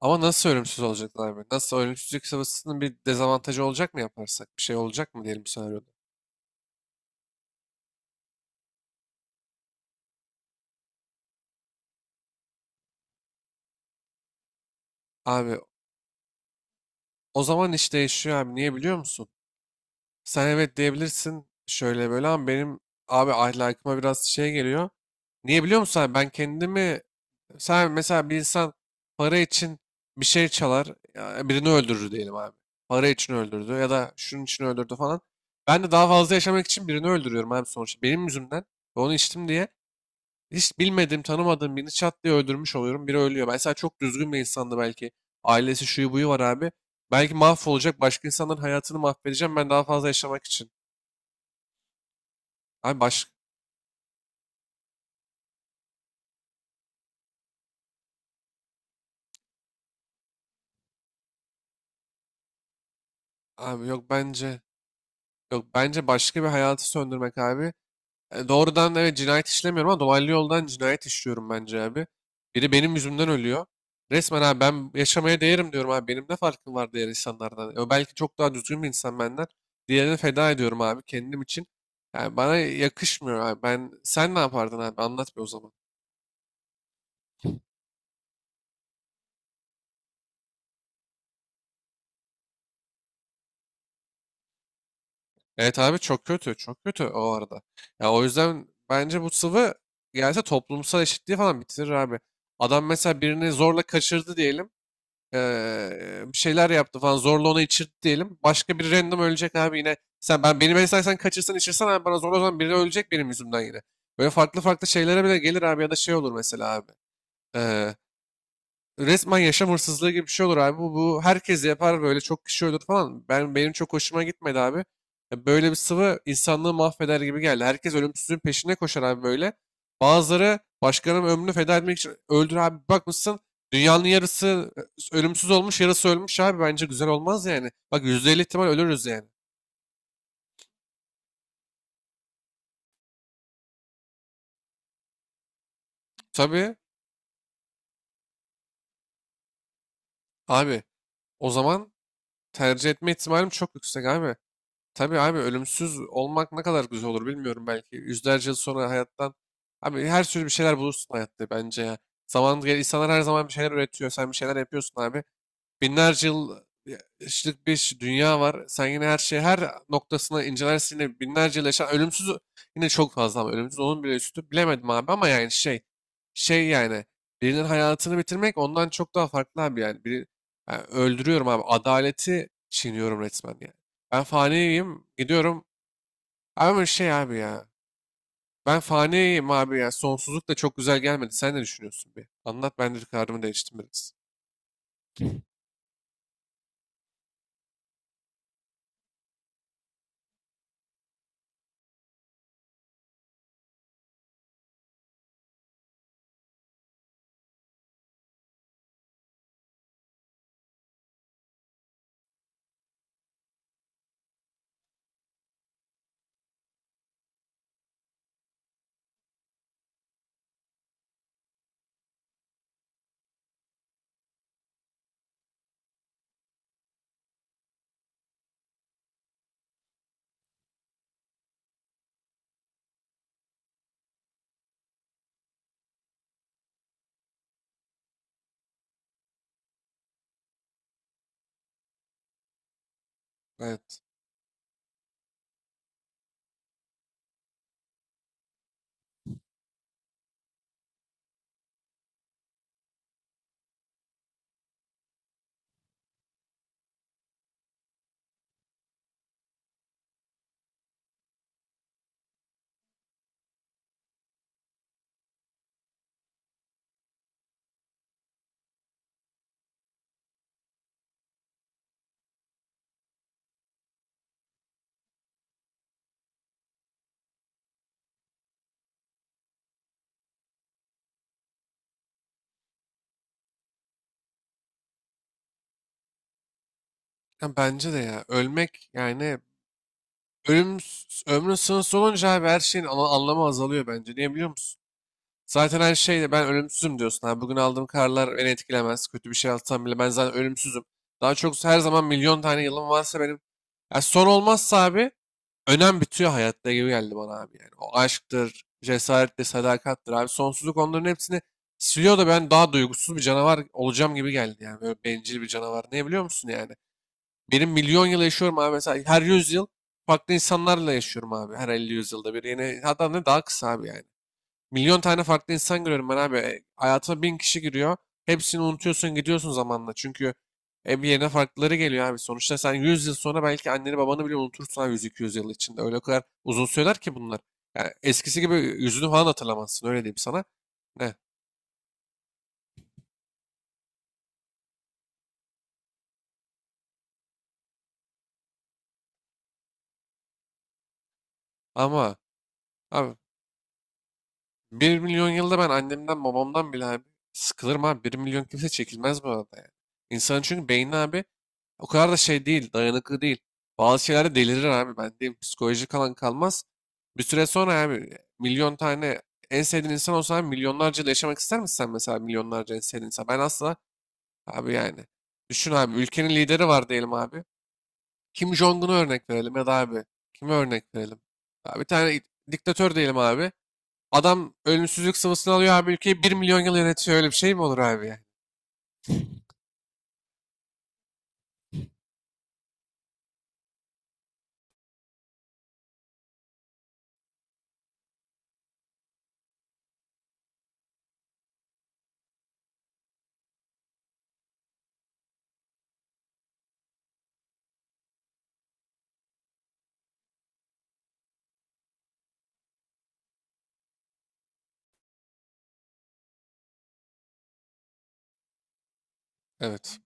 Ama nasıl ölümsüz olacaklar abi? Nasıl ölümsüzlük sıvısının bir dezavantajı olacak mı yaparsak? Bir şey olacak mı diyelim senaryoda? Abi o zaman iş değişiyor abi. Niye biliyor musun? Sen evet diyebilirsin şöyle böyle ama benim abi ahlakıma biraz şey geliyor. Niye biliyor musun abi? Ben kendimi sen mesela bir insan para için bir şey çalar ya birini öldürür diyelim abi. Para için öldürdü ya da şunun için öldürdü falan. Ben de daha fazla yaşamak için birini öldürüyorum abi sonuçta. Benim yüzümden ve onu içtim diye. Hiç bilmediğim, tanımadığım birini çat diye öldürmüş oluyorum. Biri ölüyor. Mesela çok düzgün bir insandı belki. Ailesi şuyu buyu var abi. Belki mahvolacak. Başka insanların hayatını mahvedeceğim ben daha fazla yaşamak için. Abi baş... Abi yok bence... Yok bence başka bir hayatı söndürmek abi. E, doğrudan evet cinayet işlemiyorum ama dolaylı yoldan cinayet işliyorum bence abi. Biri benim yüzümden ölüyor. Resmen abi ben yaşamaya değerim diyorum abi. Benim ne farkım var diğer insanlardan? E, o belki çok daha düzgün bir insan benden. Diğerini feda ediyorum abi kendim için. Yani bana yakışmıyor abi. Ben sen ne yapardın abi? Anlat bir o zaman. Evet abi çok kötü. Çok kötü o arada. Ya o yüzden bence bu sıvı gelse toplumsal eşitliği falan bitirir abi. Adam mesela birini zorla kaçırdı diyelim. Bir şeyler yaptı falan zorla ona içirdi diyelim. Başka bir random ölecek abi yine. Sen ben beni mesela sen kaçırsan içirsen abi bana zorla o zaman biri ölecek benim yüzümden yine. Böyle farklı farklı şeylere bile gelir abi ya da şey olur mesela abi. Resmen yaşam hırsızlığı gibi bir şey olur abi. Bu herkes yapar böyle çok kişi ölür falan. Ben benim çok hoşuma gitmedi abi. Ya böyle bir sıvı insanlığı mahveder gibi geldi. Herkes ölümsüzlüğün peşine koşar abi böyle. Bazıları başkalarının ömrünü feda etmek için öldür abi. Bir bakmışsın dünyanın yarısı ölümsüz olmuş, yarısı ölmüş abi. Bence güzel olmaz yani. Bak %50 ihtimal ölürüz yani. Tabii abi o zaman tercih etme ihtimalim çok yüksek abi. Tabii abi ölümsüz olmak ne kadar güzel olur bilmiyorum belki. Yüzlerce yıl sonra hayattan. Abi her türlü bir şeyler bulursun hayatta bence ya. Zaman gel insanlar her zaman bir şeyler üretiyor. Sen bir şeyler yapıyorsun abi. Binlerce yıllık bir dünya var. Sen yine her şeyi her noktasına incelersin. Yine binlerce yıl yaşayan ölümsüz yine çok fazla ama ölümsüz onun bile üstü. Bilemedim abi ama yani şey yani birinin hayatını bitirmek ondan çok daha farklı abi yani. Biri, yani öldürüyorum abi. Adaleti çiğniyorum resmen yani. Ben faniyim gidiyorum. Ama şey abi ya. Ben faniyim abi ya. Sonsuzluk da çok güzel gelmedi. Sen ne düşünüyorsun bir? Anlat ben de kararımı değiştim biraz. Evet. Ya bence de ya ölmek yani ömrün sınırsız olunca abi her şeyin anlamı azalıyor bence. Niye biliyor musun? Zaten her şeyde ben ölümsüzüm diyorsun. Abi bugün aldığım kararlar beni etkilemez. Kötü bir şey atsam bile ben zaten ölümsüzüm. Daha çok her zaman milyon tane yılım varsa benim. Ya son olmazsa abi önem bitiyor hayatta gibi geldi bana abi. Yani o aşktır, cesarettir, sadakattır abi. Sonsuzluk onların hepsini siliyor da ben daha duygusuz bir canavar olacağım gibi geldi. Yani böyle bencil bir canavar. Ne biliyor musun yani? Benim milyon yıl yaşıyorum abi. Mesela her yüz yıl farklı insanlarla yaşıyorum abi. Her 50 yüzyılda bir. Yine hatta ne daha kısa abi yani. Milyon tane farklı insan görüyorum ben abi. E, hayatıma 1000 kişi giriyor. Hepsini unutuyorsun gidiyorsun zamanla. Çünkü bir yerine farklıları geliyor abi. Sonuçta sen 100 yıl sonra belki anneni babanı bile unutursun abi yüz iki yüz yıl içinde. Öyle o kadar uzun süreler ki bunlar. Yani eskisi gibi yüzünü falan hatırlamazsın öyle diyeyim sana. Ne? Ama abi 1 milyon yılda ben annemden babamdan bile abi sıkılırım abi. Bir milyon kimse çekilmez bu arada yani. İnsanın çünkü beyni abi o kadar da şey değil, dayanıklı değil. Bazı şeylerde delirir abi ben diyeyim. Psikolojik alan kalmaz. Bir süre sonra abi milyon tane en sevdiğin insan olsa abi, milyonlarca yıl yaşamak ister misin sen mesela milyonlarca en sevdiğin insan? Ben asla abi yani. Düşün abi ülkenin lideri var diyelim abi. Kim Jong-un'u örnek verelim ya da abi kime örnek verelim? Abi bir tane diktatör diyelim abi. Adam ölümsüzlük sıvısını alıyor abi ülkeyi 1 milyon yıl yönetiyor. Öyle bir şey mi olur abi yani? Evet.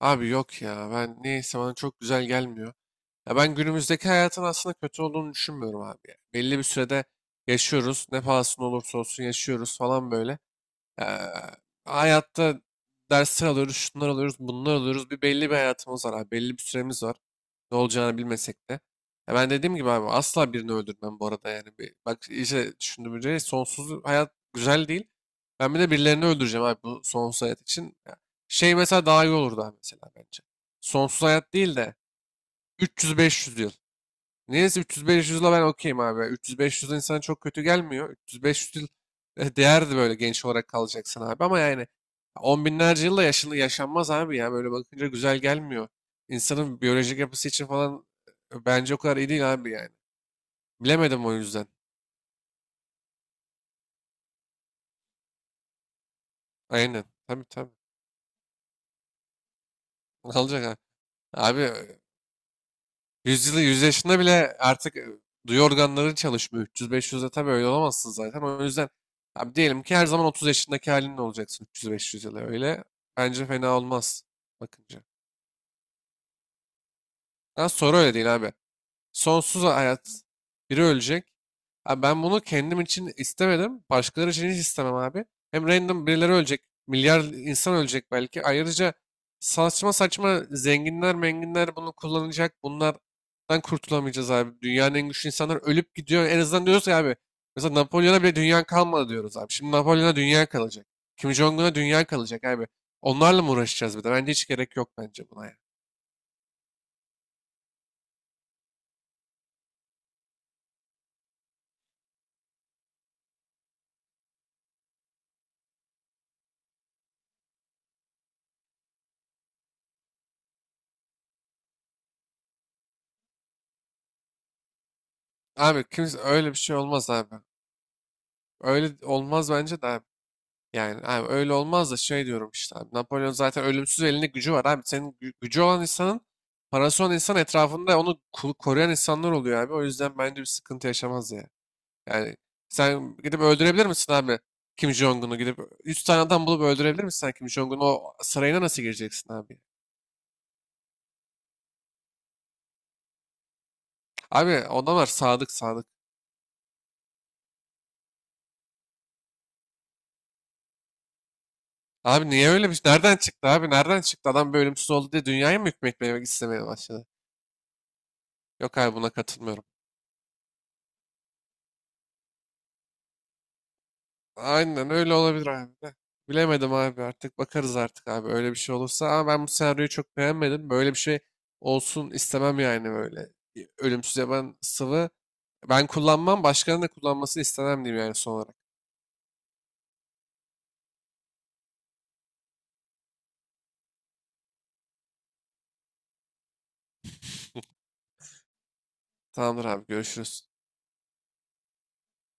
Abi yok ya. Ben neyse bana çok güzel gelmiyor. Ya ben günümüzdeki hayatın aslında kötü olduğunu düşünmüyorum abi ya. Belli bir sürede yaşıyoruz. Ne pahasına olursa olsun yaşıyoruz falan böyle. Eee, hayatta dersler alıyoruz, şunlar alıyoruz, bunlar alıyoruz. Bir belli bir hayatımız var abi. Belli bir süremiz var. Ne olacağını bilmesek de. Ya ben dediğim gibi abi asla birini öldürmem bu arada yani. Bir, bak iyice düşündüğümce sonsuz hayat güzel değil. Ben bir de birilerini öldüreceğim abi bu sonsuz hayat için. Ya şey mesela daha iyi olurdu abi mesela bence. Sonsuz hayat değil de 300-500 yıl. Neyse 300-500 ben okeyim abi. 300-500 insan çok kötü gelmiyor. 300-500 yıl değerdi böyle genç olarak kalacaksın abi. Ama yani on binlerce yılla yaşını yaşanmaz abi ya. Böyle bakınca güzel gelmiyor. İnsanın biyolojik yapısı için falan bence o kadar iyi değil abi yani. Bilemedim o yüzden. Aynen. Tabii tabii. Ne abi? Abi yüz yüzyılı, yüz yaşında bile artık duyu organları çalışmıyor. 300-500'de tabii öyle olamazsın zaten. O yüzden abi diyelim ki her zaman 30 yaşındaki halinle olacaksın 300-500 yıla öyle. Bence fena olmaz bakınca. Daha sonra öyle değil abi. Sonsuz hayat. Biri ölecek. Abi ben bunu kendim için istemedim. Başkaları için hiç istemem abi. Hem random birileri ölecek. Milyar insan ölecek belki. Ayrıca saçma saçma zenginler menginler bunu kullanacak. Bunlardan kurtulamayacağız abi. Dünyanın en güçlü insanlar ölüp gidiyor. En azından diyoruz ki abi. Mesela Napolyon'a bile dünya kalmadı diyoruz abi. Şimdi Napolyon'a dünya kalacak. Kim Jong-un'a dünya kalacak abi. Onlarla mı uğraşacağız bir de? Bence hiç gerek yok bence buna ya. Abi kimse öyle bir şey olmaz abi. Öyle olmaz bence de abi. Yani abi öyle olmaz da şey diyorum işte abi. Napolyon zaten ölümsüz elinde gücü var abi. Senin gücü olan insanın parası olan insan etrafında onu koruyan insanlar oluyor abi. O yüzden bence bir sıkıntı yaşamaz ya. Yani sen gidip öldürebilir misin abi Kim Jong-un'u gidip 100 tane adam bulup öldürebilir misin sen Kim Jong-un'u o sarayına nasıl gireceksin abi? Abi adamlar sadık sadık. Abi niye öyle bir şey? Nereden çıktı abi? Nereden çıktı? Adam böyle ölümsüz oldu diye dünyaya mı hükmetmeye istemeye başladı? Yok abi buna katılmıyorum. Aynen öyle olabilir abi de. Bilemedim abi artık bakarız artık abi öyle bir şey olursa. Ama ben bu senaryoyu çok beğenmedim. Böyle bir şey olsun istemem yani böyle. Ölümsüz yaban sıvı ben kullanmam başkalarının da kullanmasını istemem diyeyim yani son olarak. Tamamdır abi görüşürüz.